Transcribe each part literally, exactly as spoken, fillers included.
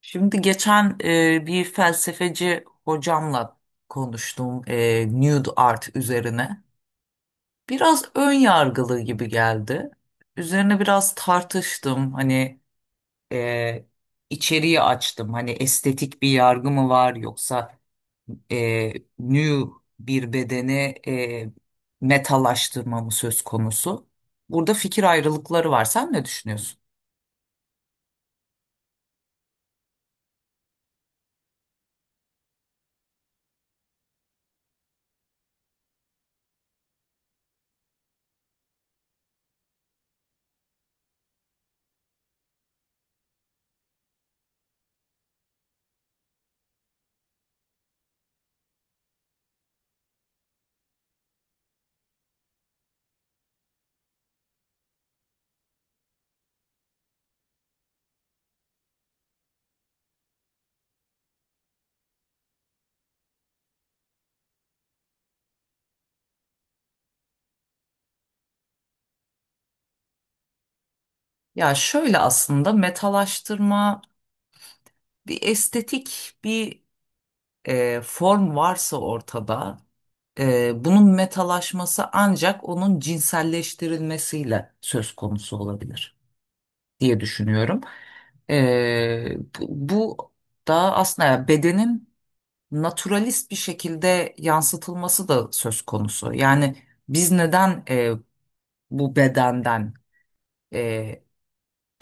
Şimdi geçen e, bir felsefeci hocamla konuştum e, nude art üzerine. Biraz ön yargılı gibi geldi. Üzerine biraz tartıştım. Hani e, içeriği açtım. Hani estetik bir yargı mı var yoksa e, nude bir bedeni e, metalaştırma mı söz konusu? Burada fikir ayrılıkları var. Sen ne düşünüyorsun? Ya şöyle, aslında metalaştırma bir estetik bir e, form varsa ortada, e, bunun metalaşması ancak onun cinselleştirilmesiyle söz konusu olabilir diye düşünüyorum. E, bu, bu da aslında ya bedenin naturalist bir şekilde yansıtılması da söz konusu. Yani biz neden e, bu bedenden e,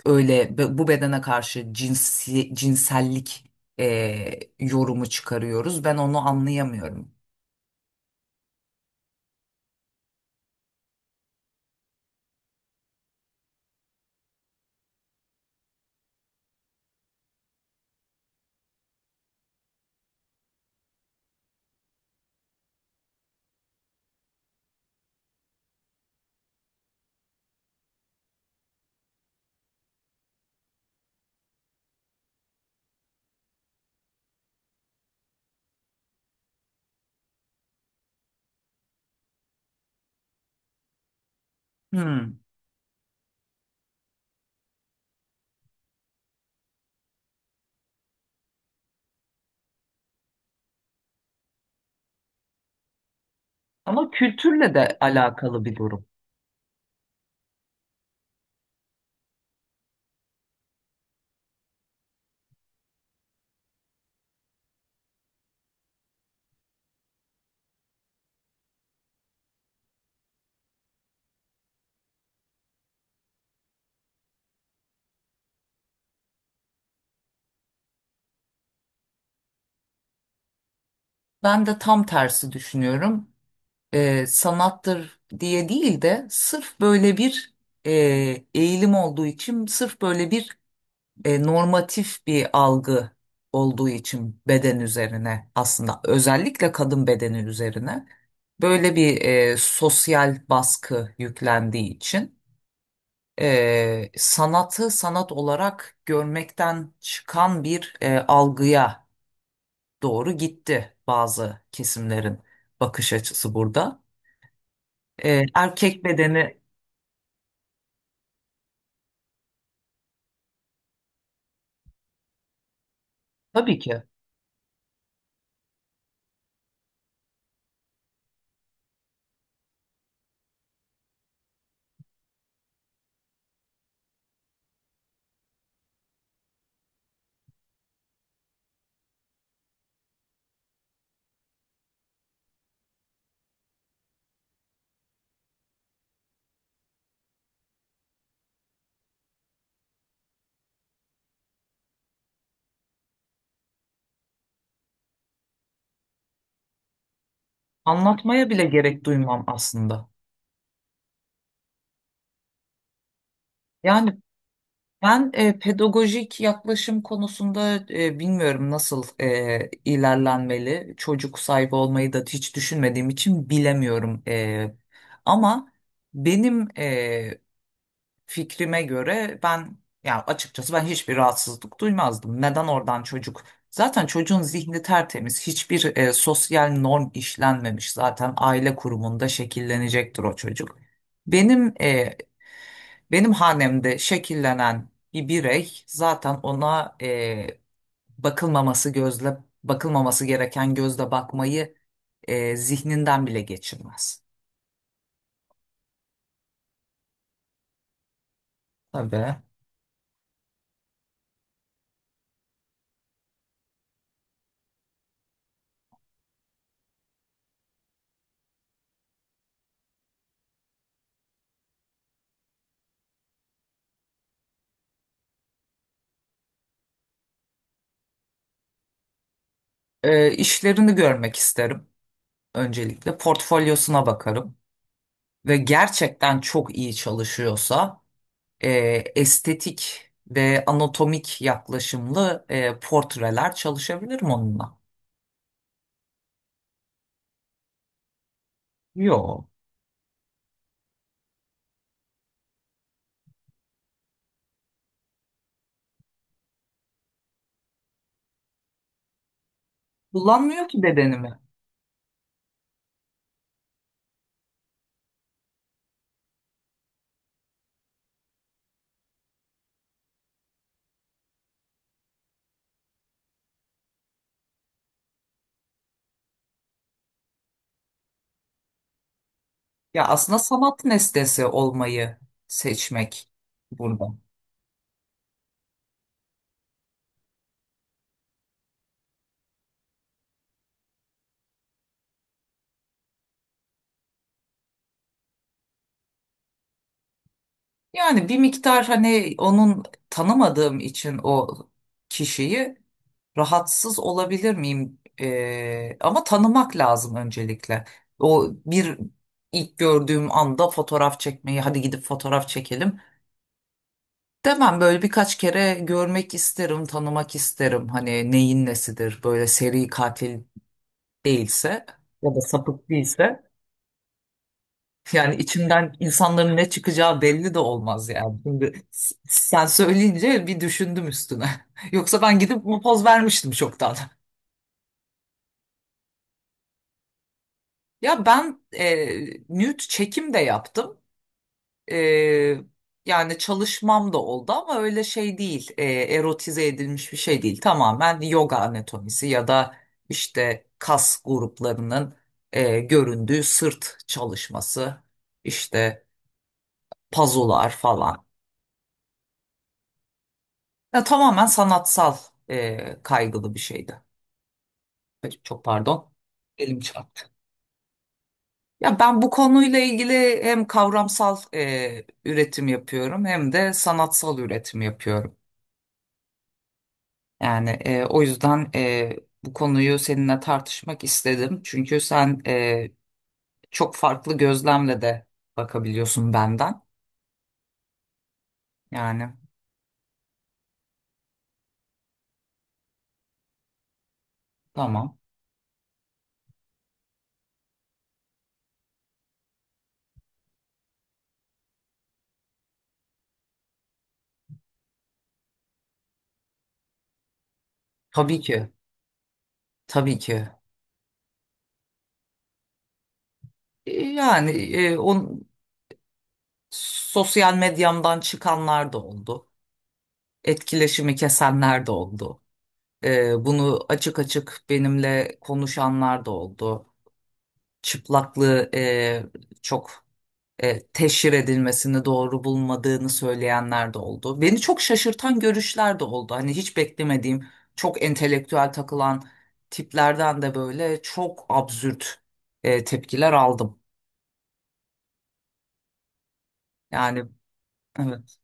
öyle be- bu bedene karşı cinsi, cinsellik e, yorumu çıkarıyoruz? Ben onu anlayamıyorum. Hmm. Ama kültürle de alakalı bir durum. Ben de tam tersi düşünüyorum. Ee, sanattır diye değil de sırf böyle bir e, eğilim olduğu için, sırf böyle bir e, normatif bir algı olduğu için beden üzerine, aslında özellikle kadın bedeni üzerine böyle bir e, sosyal baskı yüklendiği için e, sanatı sanat olarak görmekten çıkan bir e, algıya doğru gitti bazı kesimlerin bakış açısı burada. Ee, erkek bedeni tabii ki, anlatmaya bile gerek duymam aslında. Yani ben e, pedagojik yaklaşım konusunda e, bilmiyorum nasıl e, ilerlenmeli. Çocuk sahibi olmayı da hiç düşünmediğim için bilemiyorum. E, ama benim e, fikrime göre ben, yani açıkçası ben hiçbir rahatsızlık duymazdım. Neden oradan çocuk? Zaten çocuğun zihni tertemiz. Hiçbir e, sosyal norm işlenmemiş. Zaten aile kurumunda şekillenecektir o çocuk. Benim e, Benim hanemde şekillenen bir birey zaten ona e, bakılmaması gözle bakılmaması gereken gözle bakmayı e, zihninden bile geçirmez. Tabii. E, işlerini görmek isterim. Öncelikle portfolyosuna bakarım ve gerçekten çok iyi çalışıyorsa e, estetik ve anatomik yaklaşımlı e, portreler çalışabilir mi onunla. Yo, kullanmıyor ki bedenimi. Ya aslında sanat nesnesi olmayı seçmek burada. Yani bir miktar, hani onun, tanımadığım için o kişiyi, rahatsız olabilir miyim? Ee, ama tanımak lazım öncelikle. O bir ilk gördüğüm anda fotoğraf çekmeyi, hadi gidip fotoğraf çekelim demem. Böyle birkaç kere görmek isterim, tanımak isterim. Hani neyin nesidir? Böyle seri katil değilse ya da sapık değilse. Yani içimden insanların ne çıkacağı belli de olmaz yani. Şimdi s- sen söyleyince bir düşündüm üstüne. Yoksa ben gidip bu poz vermiştim çoktan. Ya ben e, nude çekim de yaptım. E, yani çalışmam da oldu ama öyle şey değil. E, erotize edilmiş bir şey değil. Tamamen yoga anatomisi ya da işte kas gruplarının e, göründüğü sırt çalışması, işte pazular falan. Ya tamamen sanatsal e, kaygılı bir şeydi. Ay, çok pardon. Elim çarptı. Ya ben bu konuyla ilgili hem kavramsal e, üretim yapıyorum, hem de sanatsal üretim yapıyorum. Yani e, o yüzden e, bu konuyu seninle tartışmak istedim. Çünkü sen e, çok farklı gözlemle de bakabiliyorsun benden. Yani tamam. Tabii ki. Tabii ki. E, Yani e, on, sosyal medyamdan çıkanlar da oldu. Etkileşimi kesenler de oldu. E, bunu açık açık benimle konuşanlar da oldu. Çıplaklığı e, çok e, teşhir edilmesini doğru bulmadığını söyleyenler de oldu. Beni çok şaşırtan görüşler de oldu. Hani hiç beklemediğim, çok entelektüel takılan tiplerden de böyle çok absürt e, tepkiler aldım. Yani evet,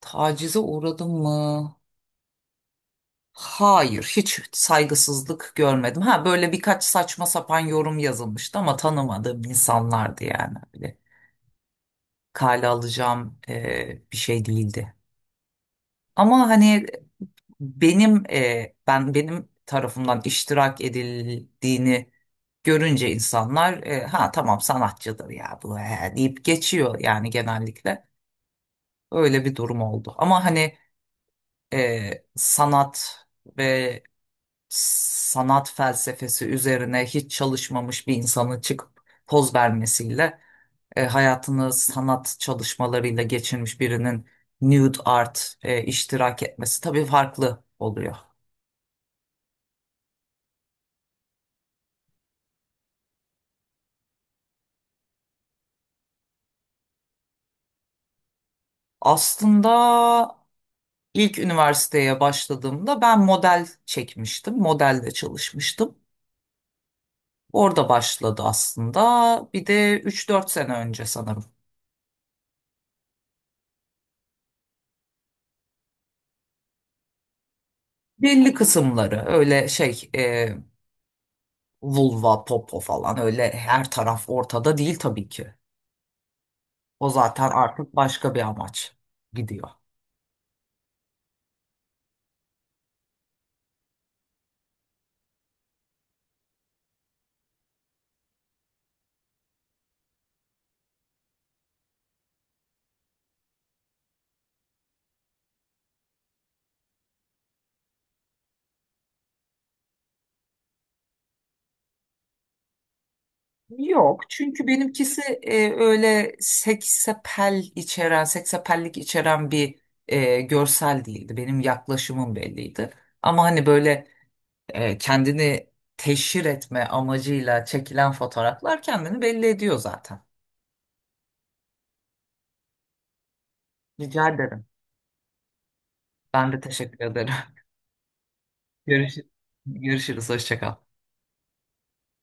tacize uğradım mı? Hayır, hiç saygısızlık görmedim. Ha, böyle birkaç saçma sapan yorum yazılmıştı ama tanımadığım insanlardı yani. Böyle kale alacağım e, bir şey değildi. Ama hani benim e, ben benim tarafımdan iştirak edildiğini görünce insanlar, e, ha tamam sanatçıdır ya bu he, deyip geçiyor yani genellikle. Öyle bir durum oldu. Ama hani e, sanat ve sanat felsefesi üzerine hiç çalışmamış bir insanın çıkıp poz vermesiyle e, hayatını sanat çalışmalarıyla geçirmiş birinin nude art e, iştirak etmesi tabii farklı oluyor. Aslında ilk üniversiteye başladığımda ben model çekmiştim. Modelle çalışmıştım. Orada başladı aslında. Bir de üç dört sene önce sanırım. Belli kısımları, öyle şey e, vulva, popo falan öyle her taraf ortada değil tabii ki. O zaten artık başka bir amaç gidiyor. Yok, çünkü benimkisi e, öyle seksapel içeren, seksapellik içeren bir e, görsel değildi. Benim yaklaşımım belliydi. Ama hani böyle e, kendini teşhir etme amacıyla çekilen fotoğraflar kendini belli ediyor zaten. Rica ederim. Ben de teşekkür ederim. Görüş Görüşürüz. Hoşça kal.